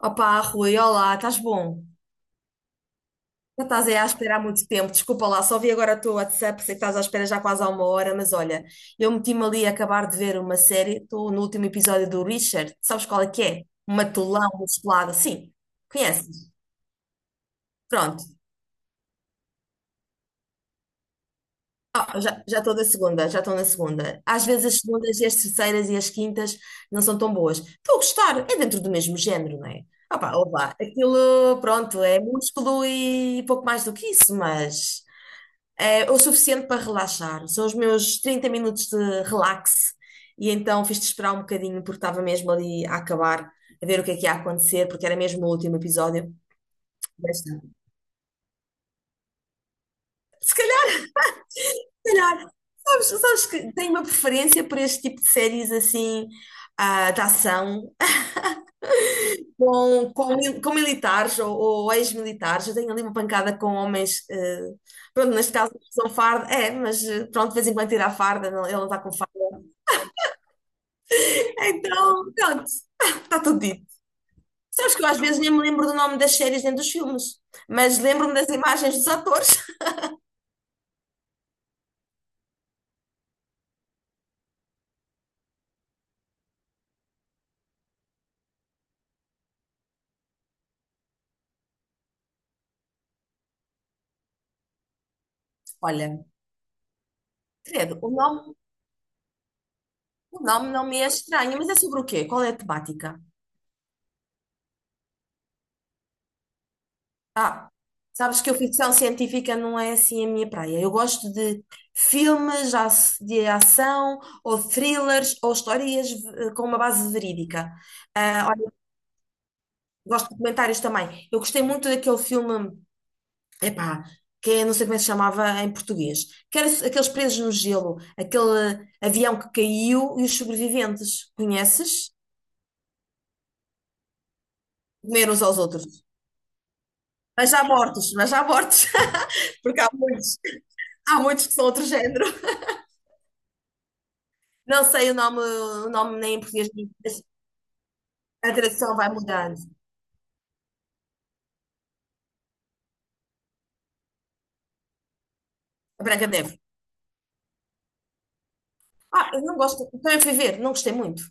Opa, Rui, olá, estás bom? Já estás aí à espera há muito tempo, desculpa lá, só vi agora o teu WhatsApp, sei que estás à espera já quase há uma hora, mas olha, eu meti-me ali a acabar de ver uma série, estou no último episódio do Richard, sabes qual é que é? Uma Matulão, uma Musculado, sim, conheces? Pronto, ah, já já estou na segunda, já estou na segunda. Às vezes as segundas e as terceiras e as quintas não são tão boas. Estou a gostar, é dentro do mesmo género, não é? Ah pá, ó lá, aquilo, pronto, é músculo e pouco mais do que isso, mas é o suficiente para relaxar. São os meus 30 minutos de relax e então fiz-te esperar um bocadinho porque estava mesmo ali a acabar, a ver o que é que ia acontecer, porque era mesmo o último episódio. Mas, se calhar Se calhar, sabes que tenho uma preferência por este tipo de séries assim, ah, de ação, com militares ou ex-militares. Eu tenho ali uma pancada com homens, pronto, neste caso não são farda, é, mas pronto, de vez em quando tira a farda, ele não está com farda. Então, pronto, está tudo dito. Sabes que eu às vezes nem me lembro do nome das séries nem dos filmes, mas lembro-me das imagens dos atores. Olha, credo, o nome não me é estranho, mas é sobre o quê? Qual é a temática? Ah, sabes que a ficção científica não é assim a minha praia. Eu gosto de filmes de ação, ou thrillers, ou histórias com uma base verídica. Ah, olha, gosto de comentários também. Eu gostei muito daquele filme, epá, que é, não sei como é que se chamava em português, que era aqueles presos no gelo, aquele avião que caiu e os sobreviventes. Conheces? Comeram uns aos outros. Mas já mortos, porque há muitos que são outro género. Não sei o nome nem em português, mas a tradução vai mudando. A Branca de Neve. Ah, eu não gosto. Também fui ver, não gostei muito.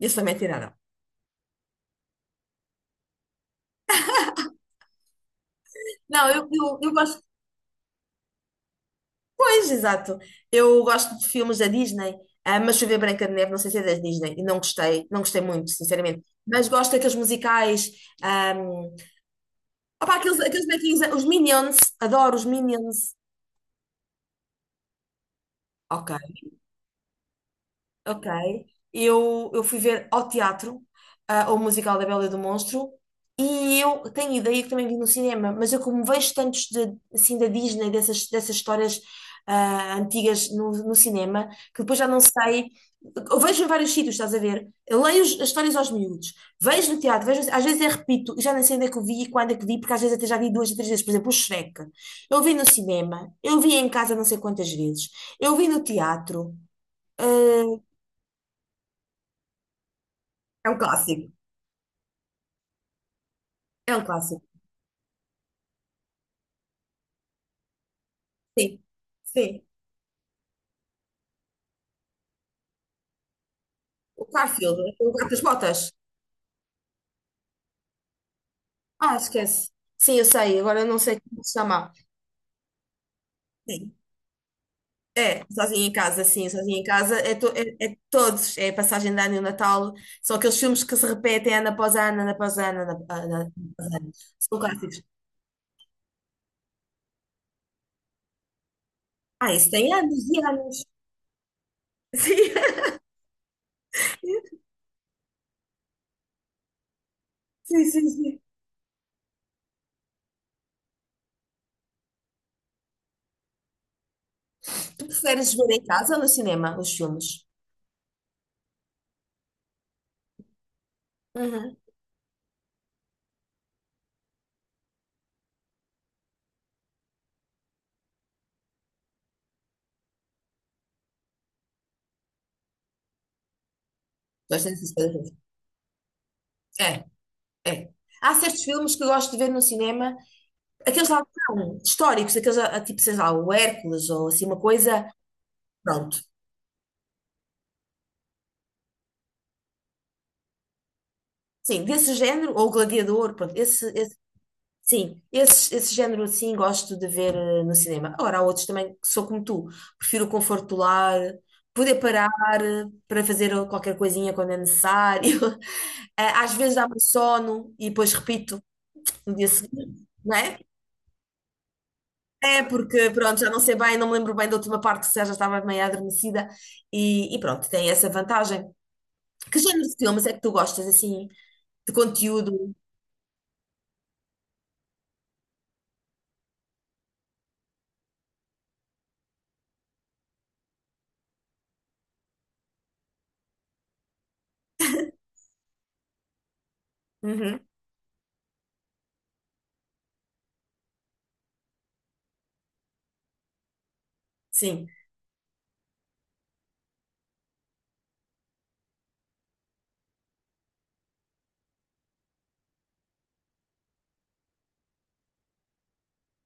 Isso sou mentira, não. Não, eu gosto. Pois, exato. Eu gosto de filmes da Disney, ah, mas fui ver Branca de Neve, não sei se é da Disney, e não gostei, não gostei muito, sinceramente. Mas gosto daqueles musicais. Ah, aqueles bonequinhos, os Minions, adoro os Minions. Ok. Ok. Eu fui ver ao teatro, ah, o musical da Bela e do Monstro, e eu tenho ideia que também vi no cinema, mas eu como vejo tantos de, assim, da Disney, dessas histórias ah, antigas no cinema, que depois já não sei. Eu vejo em vários sítios, estás a ver? Eu leio as histórias aos miúdos, vejo no teatro, vejo, às vezes eu repito, e já nem sei onde é que eu vi e quando é que vi, porque às vezes até já vi duas ou três vezes. Por exemplo, o Shrek. Eu vi no cinema, eu vi em casa não sei quantas vezes, eu vi no teatro. Ah, é um clássico. É um clássico. Sim. Sim. O Garfield, o gato das botas. Ah, esquece. Sim, eu sei. Agora eu não sei como se chama. Sim. É, sozinho em casa, sim, sozinho em casa. É, é todos. É a passagem de ano e o Natal. São aqueles filmes que se repetem ano após ano, ano após ano, ano após ano. Ano após ano. São clássicos. Ah, isso tem anos e anos. Sim, sim, sim, sim. Tu preferes ver em casa ou no cinema os filmes? Uhum. Gostas dessas coisas? É. É. Há certos filmes que eu gosto de ver no cinema, aqueles lá que são históricos, aqueles ah, tipo, sei lá, o Hércules ou assim, uma coisa, pronto. Sim, desse género, ou o Gladiador, pronto, sim, esse género assim gosto de ver no cinema. Agora, há outros também que sou como tu, prefiro o conforto do lar, poder parar para fazer qualquer coisinha quando é necessário. Ah, às vezes dá-me sono e depois repito no dia seguinte, não é? É, porque pronto, já não sei bem, não me lembro bem da última parte, se já estava meio adormecida e pronto, tem essa vantagem. Que género de filmes é que tu gostas, assim, de conteúdo? Uhum, sim.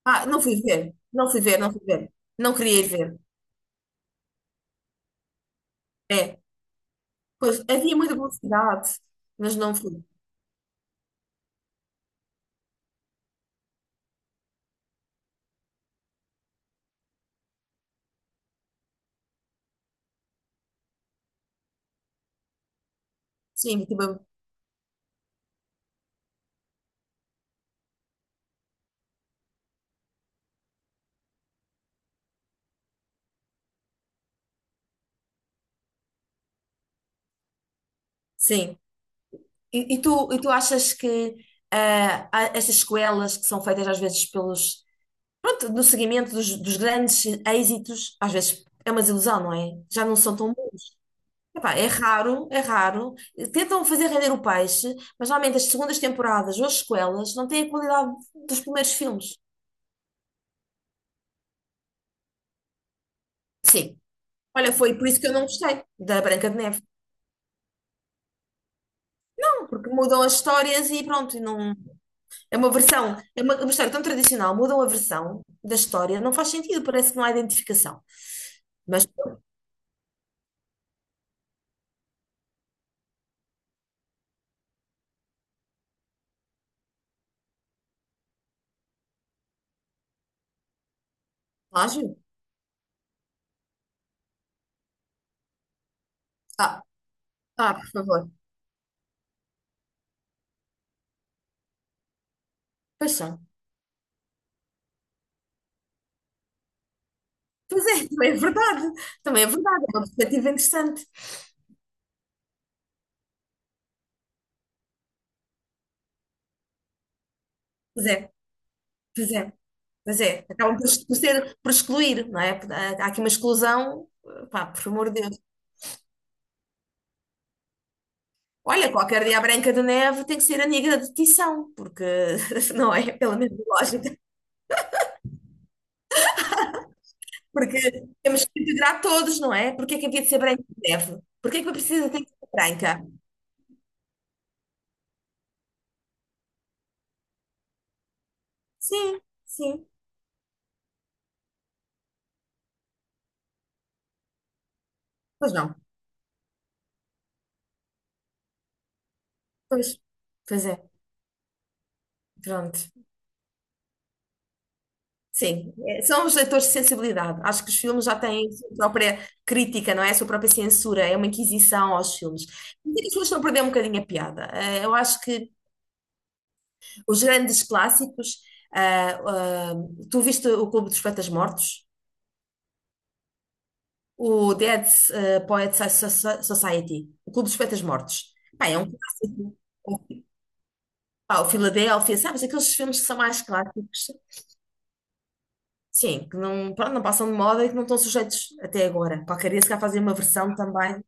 Ah, não fui ver, não fui ver, não fui ver. Não queria ir ver. É, pois, havia muita publicidade, mas não fui. Sim, tipo, sim. E tu achas que ah, há essas sequelas que são feitas às vezes pelos, pronto, no seguimento dos grandes êxitos, às vezes é uma desilusão, não é? Já não são tão bons. Epá, é raro, é raro. Tentam fazer render o peixe, mas normalmente as segundas temporadas ou as sequelas não têm a qualidade dos primeiros filmes. Sim. Olha, foi por isso que eu não gostei da Branca de Neve. Não, porque mudam as histórias e pronto, e não. É uma versão, é uma história tão tradicional, mudam a versão da história, não faz sentido, parece que não há identificação. Mas, pronto, plágio? Ah, ah, por favor. Paixão. Pois é, também é verdade. Também é verdade. É uma perspectiva interessante. Pois é, pois é, pois é. Acabam por ser, por excluir, não é? Há aqui uma exclusão, pá, por amor de Deus. Olha, qualquer dia a Branca de Neve tem que ser a negra de Tição, porque, não é? Pela mesma lógica. Porque temos que integrar todos, não é? Porque é que havia de ser Branca de Neve? Porque é que a princesa tem que ser branca? Sim, sim. Pois não. Pois, pois é. Pronto. Sim, é, são os leitores de sensibilidade. Acho que os filmes já têm a sua própria crítica, não é? A sua própria censura, é uma inquisição aos filmes. E as pessoas estão a perder um bocadinho a piada. Eu acho que os grandes clássicos, ah, ah, tu viste o Clube dos Poetas Mortos? O Dead Poets Society, o Clube dos Poetas Mortos. Pá, é um clássico. Pá, o Filadélfia, sabes? Aqueles filmes que são mais clássicos. Sim, que não, pronto, não passam de moda e que não estão sujeitos até agora. Qualquer dia se calhar fazem uma versão também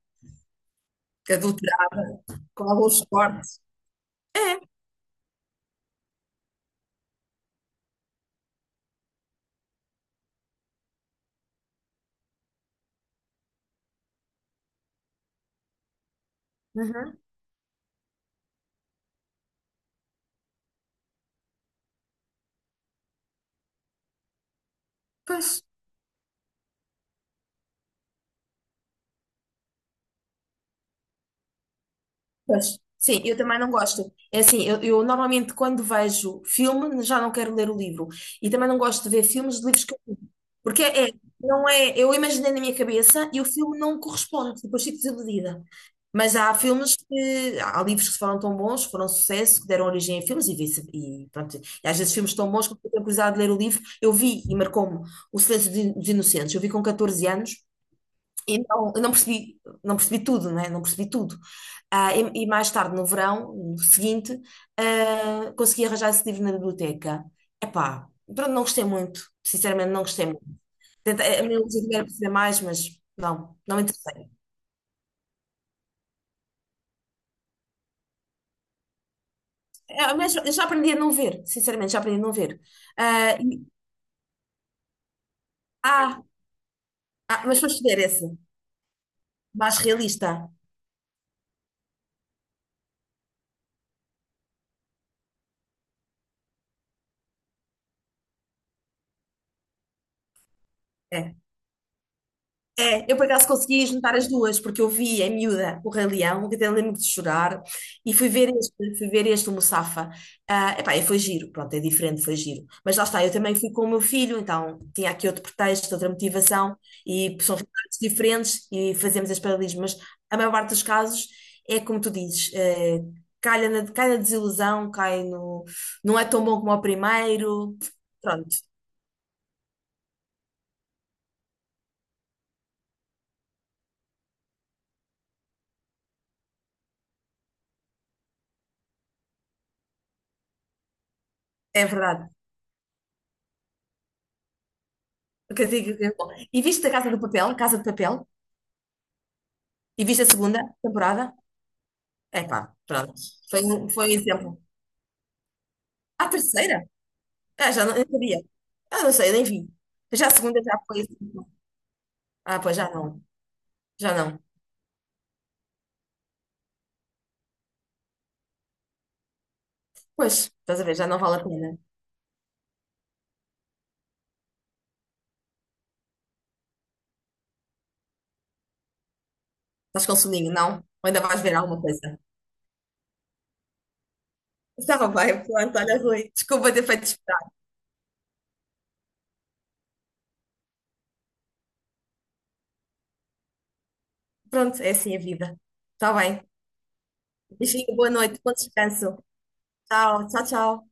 adulterado com alguns cortes. É. Uhum. Pois, pois. Sim, eu também não gosto. É assim, eu normalmente quando vejo filme já não quero ler o livro. E também não gosto de ver filmes de livros que eu li. Porque é, não é, eu imaginei na minha cabeça e o filme não corresponde, depois fico desiludida. Mas há filmes que, há livros que foram tão bons, que foram um sucesso, que deram origem a filmes e vice, e pronto. E às vezes filmes tão bons que eu tenho curiosidade de ler o livro. Eu vi e marcou-me O Silêncio dos Inocentes. Eu vi com 14 anos. E não, eu não percebi, não percebi tudo, né? Não percebi tudo. Ah, e mais tarde, no verão, no seguinte, ah, consegui arranjar esse livro na biblioteca. Epá, pronto, não gostei muito. Sinceramente, não gostei muito. A minha objetivo era perceber mais, mas não, não me interessei. É, mas eu já aprendi a não ver, sinceramente, já aprendi a não ver. Ah, ah, ah, mas foste ver esse, mais realista. É. É, eu por acaso consegui juntar as duas, porque eu vi em miúda o Rei Leão, que até lembro de chorar, e fui ver este o Mufasa. Ah, epá, e foi giro, pronto, é diferente, foi giro. Mas lá está, eu também fui com o meu filho, então tinha aqui outro pretexto, outra motivação, e são realidades diferentes e fazemos as paralelas, mas a maior parte dos casos é como tu dizes, calha na, cai na desilusão, cai no. Não é tão bom como o primeiro. Pronto, é verdade. O que eu digo é que é bom. E viste a Casa do Papel? Casa de Papel? E viste a segunda temporada? Epá, pronto. Foi um exemplo. A terceira? Ah, já não, eu sabia. Ah, não sei, nem vi. Já a segunda já foi assim. Ah, pois já não. Já não. Pois, estás a ver, já não vale a pena. Estás com soninho, não? Ou ainda vais ver alguma coisa? Estava bem, pronto, olha, Rui. Desculpa ter feito esperar. Pronto, é assim a vida. Está bem. Beijinho, boa noite, bom descanso. Tchau, tchau, tchau.